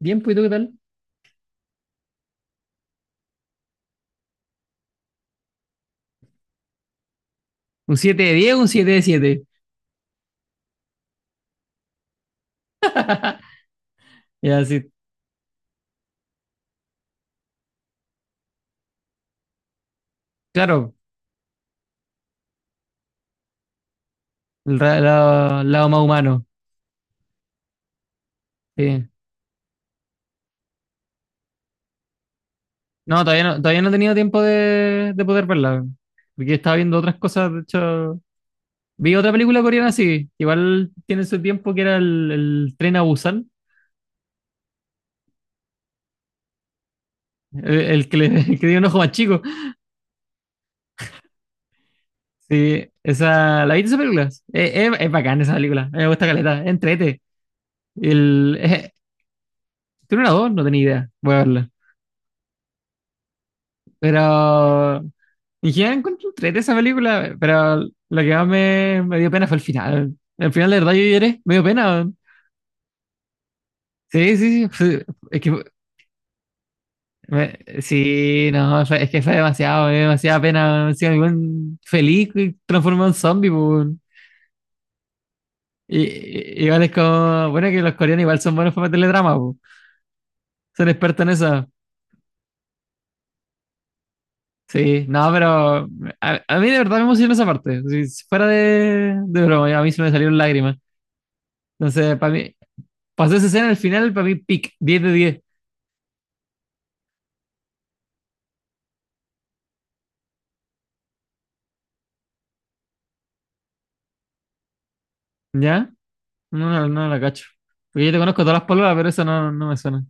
Bien, pues, ¿y tú qué tal? Un siete de 10, un 7 de siete. Y así, claro, el lado, lado más humano. Sí. No, todavía no, todavía no he tenido tiempo de poder verla. Porque estaba viendo otras cosas. De hecho, vi otra película coreana, sí. Igual tiene su tiempo, que era el tren a Busan. El que le, el que dio un ojo más chico. Sí, esa, ¿la viste esa película? Es bacán esa película. A mí me gusta caleta. Entrete. El, eh, Tiene una dos, no tenía idea. Voy a verla. Pero y ya encuentro entrete esa película, pero lo que más me dio pena fue el final. El final, de verdad, yo lloré, me dio pena, weón. Sí, sí, sí. fue- Es que, fue- me- sí, no, fue- es que fue demasiado, me dio demasiada pena, weón. Encima, el weón feliz y transformado en zombie, po, weón. Igual es como, bueno, que los coreanos igual son buenos para meterle drama, po. Son expertos en eso. Sí, no, pero a mí de verdad me emocionó esa parte. Si fuera de broma, a mí se me salieron lágrimas. Entonces, para mí, pasó esa escena al final, para mí, pic, 10 de 10. ¿Ya? No, no, no la cacho. Porque yo te conozco todas las palabras, pero esa no, no me suena.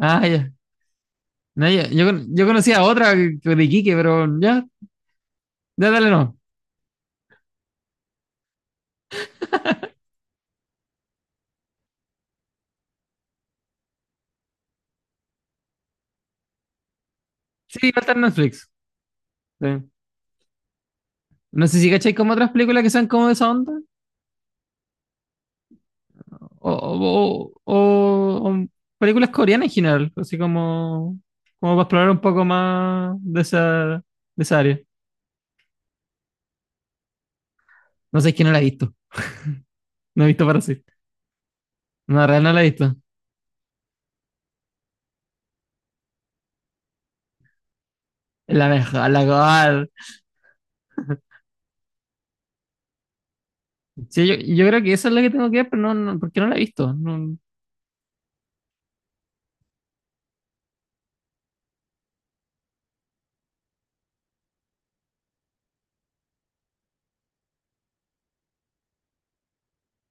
Ah, ya. No, ya. Yo conocía otra de Iquique, pero ya, ya dale no. Sí, va a estar en Netflix. Sí. No sé si cacháis como otras películas que sean como de esa onda. O películas coreanas en general. Así como, como para explorar un poco más de esa área. No sé, es que no la he visto. No he visto Parasite. No, en realidad no la he visto. Es la mejor, la mejor. Sí, yo creo que esa es la que tengo que ver, pero no, no porque no la he visto. No,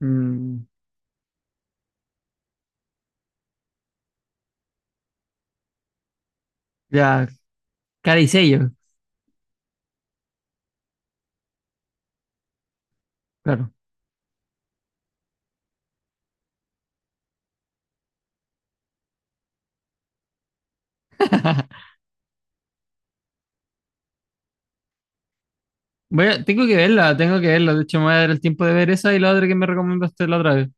mm, ya, cara y sello, claro. Tengo que verla, tengo que verla. De hecho, me voy a dar el tiempo de ver esa y la otra que me recomendaste la otra vez.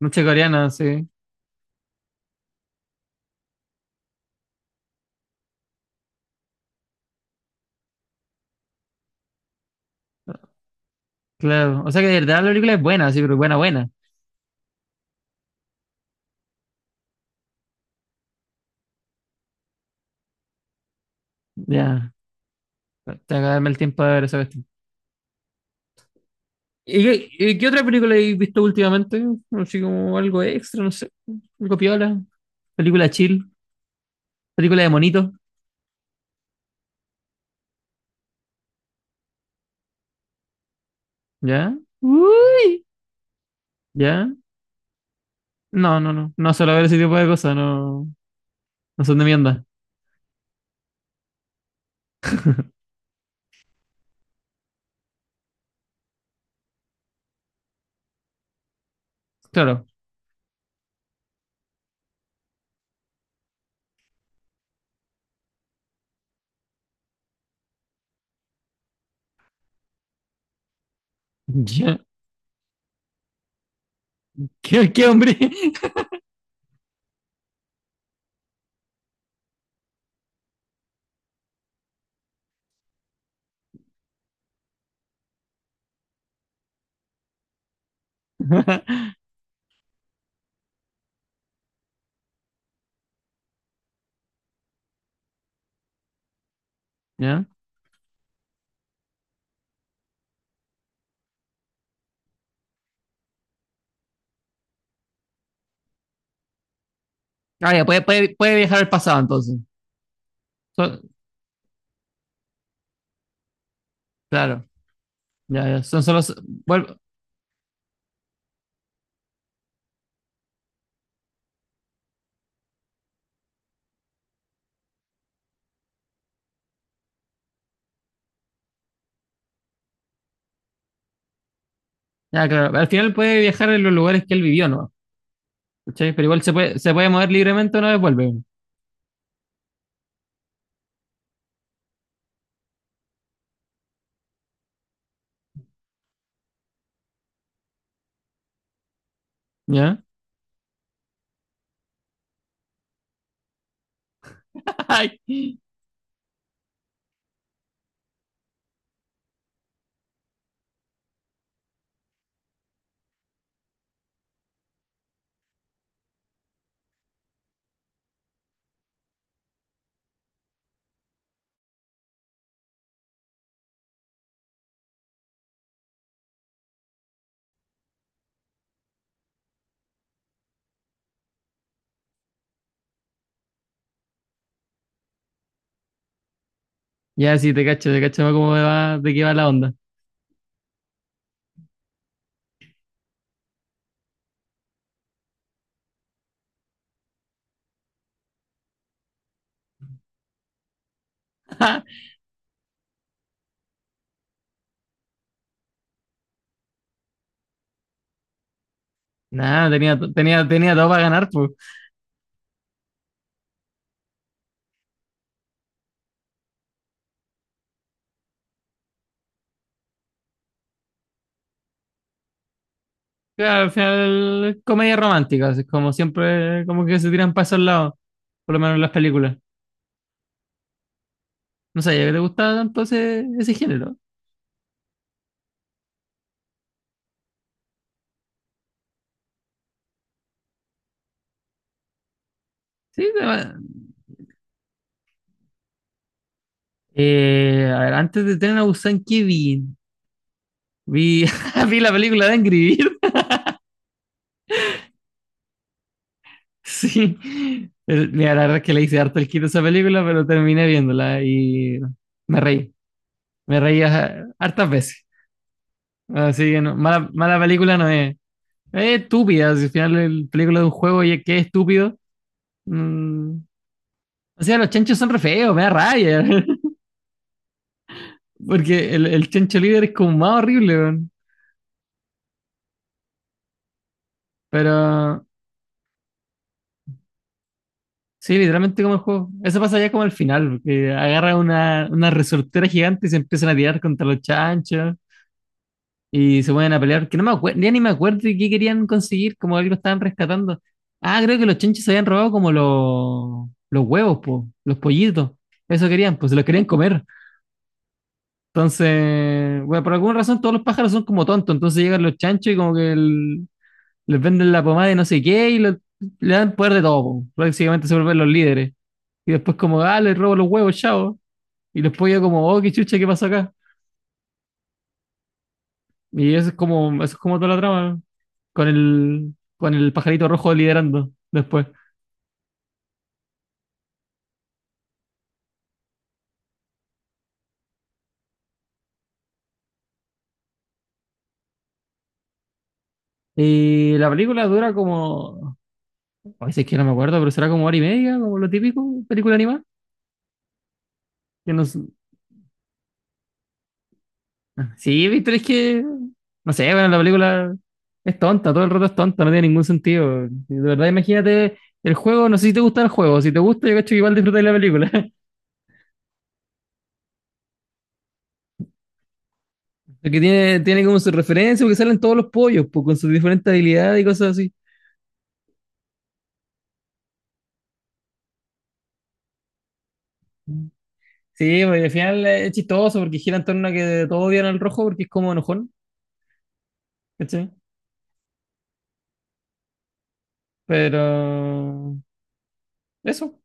Noche coreana, sí, claro. O sea que de verdad la película es buena, sí, pero buena, buena. Ya, tengo que darme el tiempo de ver esa cuestión. ¿Y qué otra película has visto últimamente? Así como algo extra, no sé. Algo piola, película chill, película de monito, ¿ya? Uy, ¿ya? No, no, no. No suelo ver ese tipo de cosas, no. No son de mi onda. Claro. Ya. ¿Qué, qué hombre? ¿Ya? Ah, ya, puede viajar al pasado entonces. So- claro. Ya, ya, son solo. vuelvo- ya, claro. Al final puede viajar en los lugares que él vivió, ¿no? ¿Cachai? Pero igual se puede mover libremente una vez vuelve. ¿Ya? Ay. Ya, sí, te cacho cómo va, de qué va la onda. Nada, tenía, tenía, tenía todo para ganar, pues. Claro, al final, comedia romántica, así como siempre, como que se tiran pasos al lado, por lo menos en las películas. No sabía que te gustaba tanto ese, ese género. Sí, te va- a ver, antes de tener a Busan, ¿qué vi? Vi, vi la película de Angry Birds. Sí. Mira, la verdad es que le hice harto el quito a esa película, pero terminé viéndola y me reí. Me reí a hartas veces. Así que no, mala, mala película no es. Es estúpida, si al final el película de un juego y es que es estúpido. Mm. O sea, los chanchos son re feos, me da rabia. Porque el chancho líder es como más horrible, weón. Pero sí, literalmente como el juego. Eso pasa ya como al final, que agarra una resortera gigante y se empiezan a tirar contra los chanchos y se ponen a pelear, que no me acuerdo, ya ni me acuerdo de qué querían conseguir, como algo estaban rescatando. Ah, creo que los chanchos se habían robado como los huevos, po, los pollitos. Eso querían, pues se los querían comer. Entonces, bueno, por alguna razón todos los pájaros son como tontos, entonces llegan los chanchos y como que les venden la pomada de no sé qué y le dan poder de todo, po. Prácticamente se vuelven los líderes. Y después como, ah, le robo los huevos, chao. Y después ya como, oh, qué chucha, ¿qué pasó acá? Y eso es como toda la trama, con el pajarito rojo liderando después. Y la película dura como, a veces que no me acuerdo, pero será como hora y media, como lo típico, película animada. Que no s- Sí, Víctor, es que, no sé, bueno, la película es tonta, todo el rato es tonta, no tiene ningún sentido. Y de verdad, imagínate el juego, no sé si te gusta el juego, si te gusta, yo cacho que igual disfrutas de la película. Porque tiene, tiene como su referencia, porque salen todos los pollos, pues, con sus diferentes habilidades y cosas así. Sí, pues, al final es chistoso porque gira en torno a que todos odian al rojo porque es como enojón, ¿cachai? Pero eso,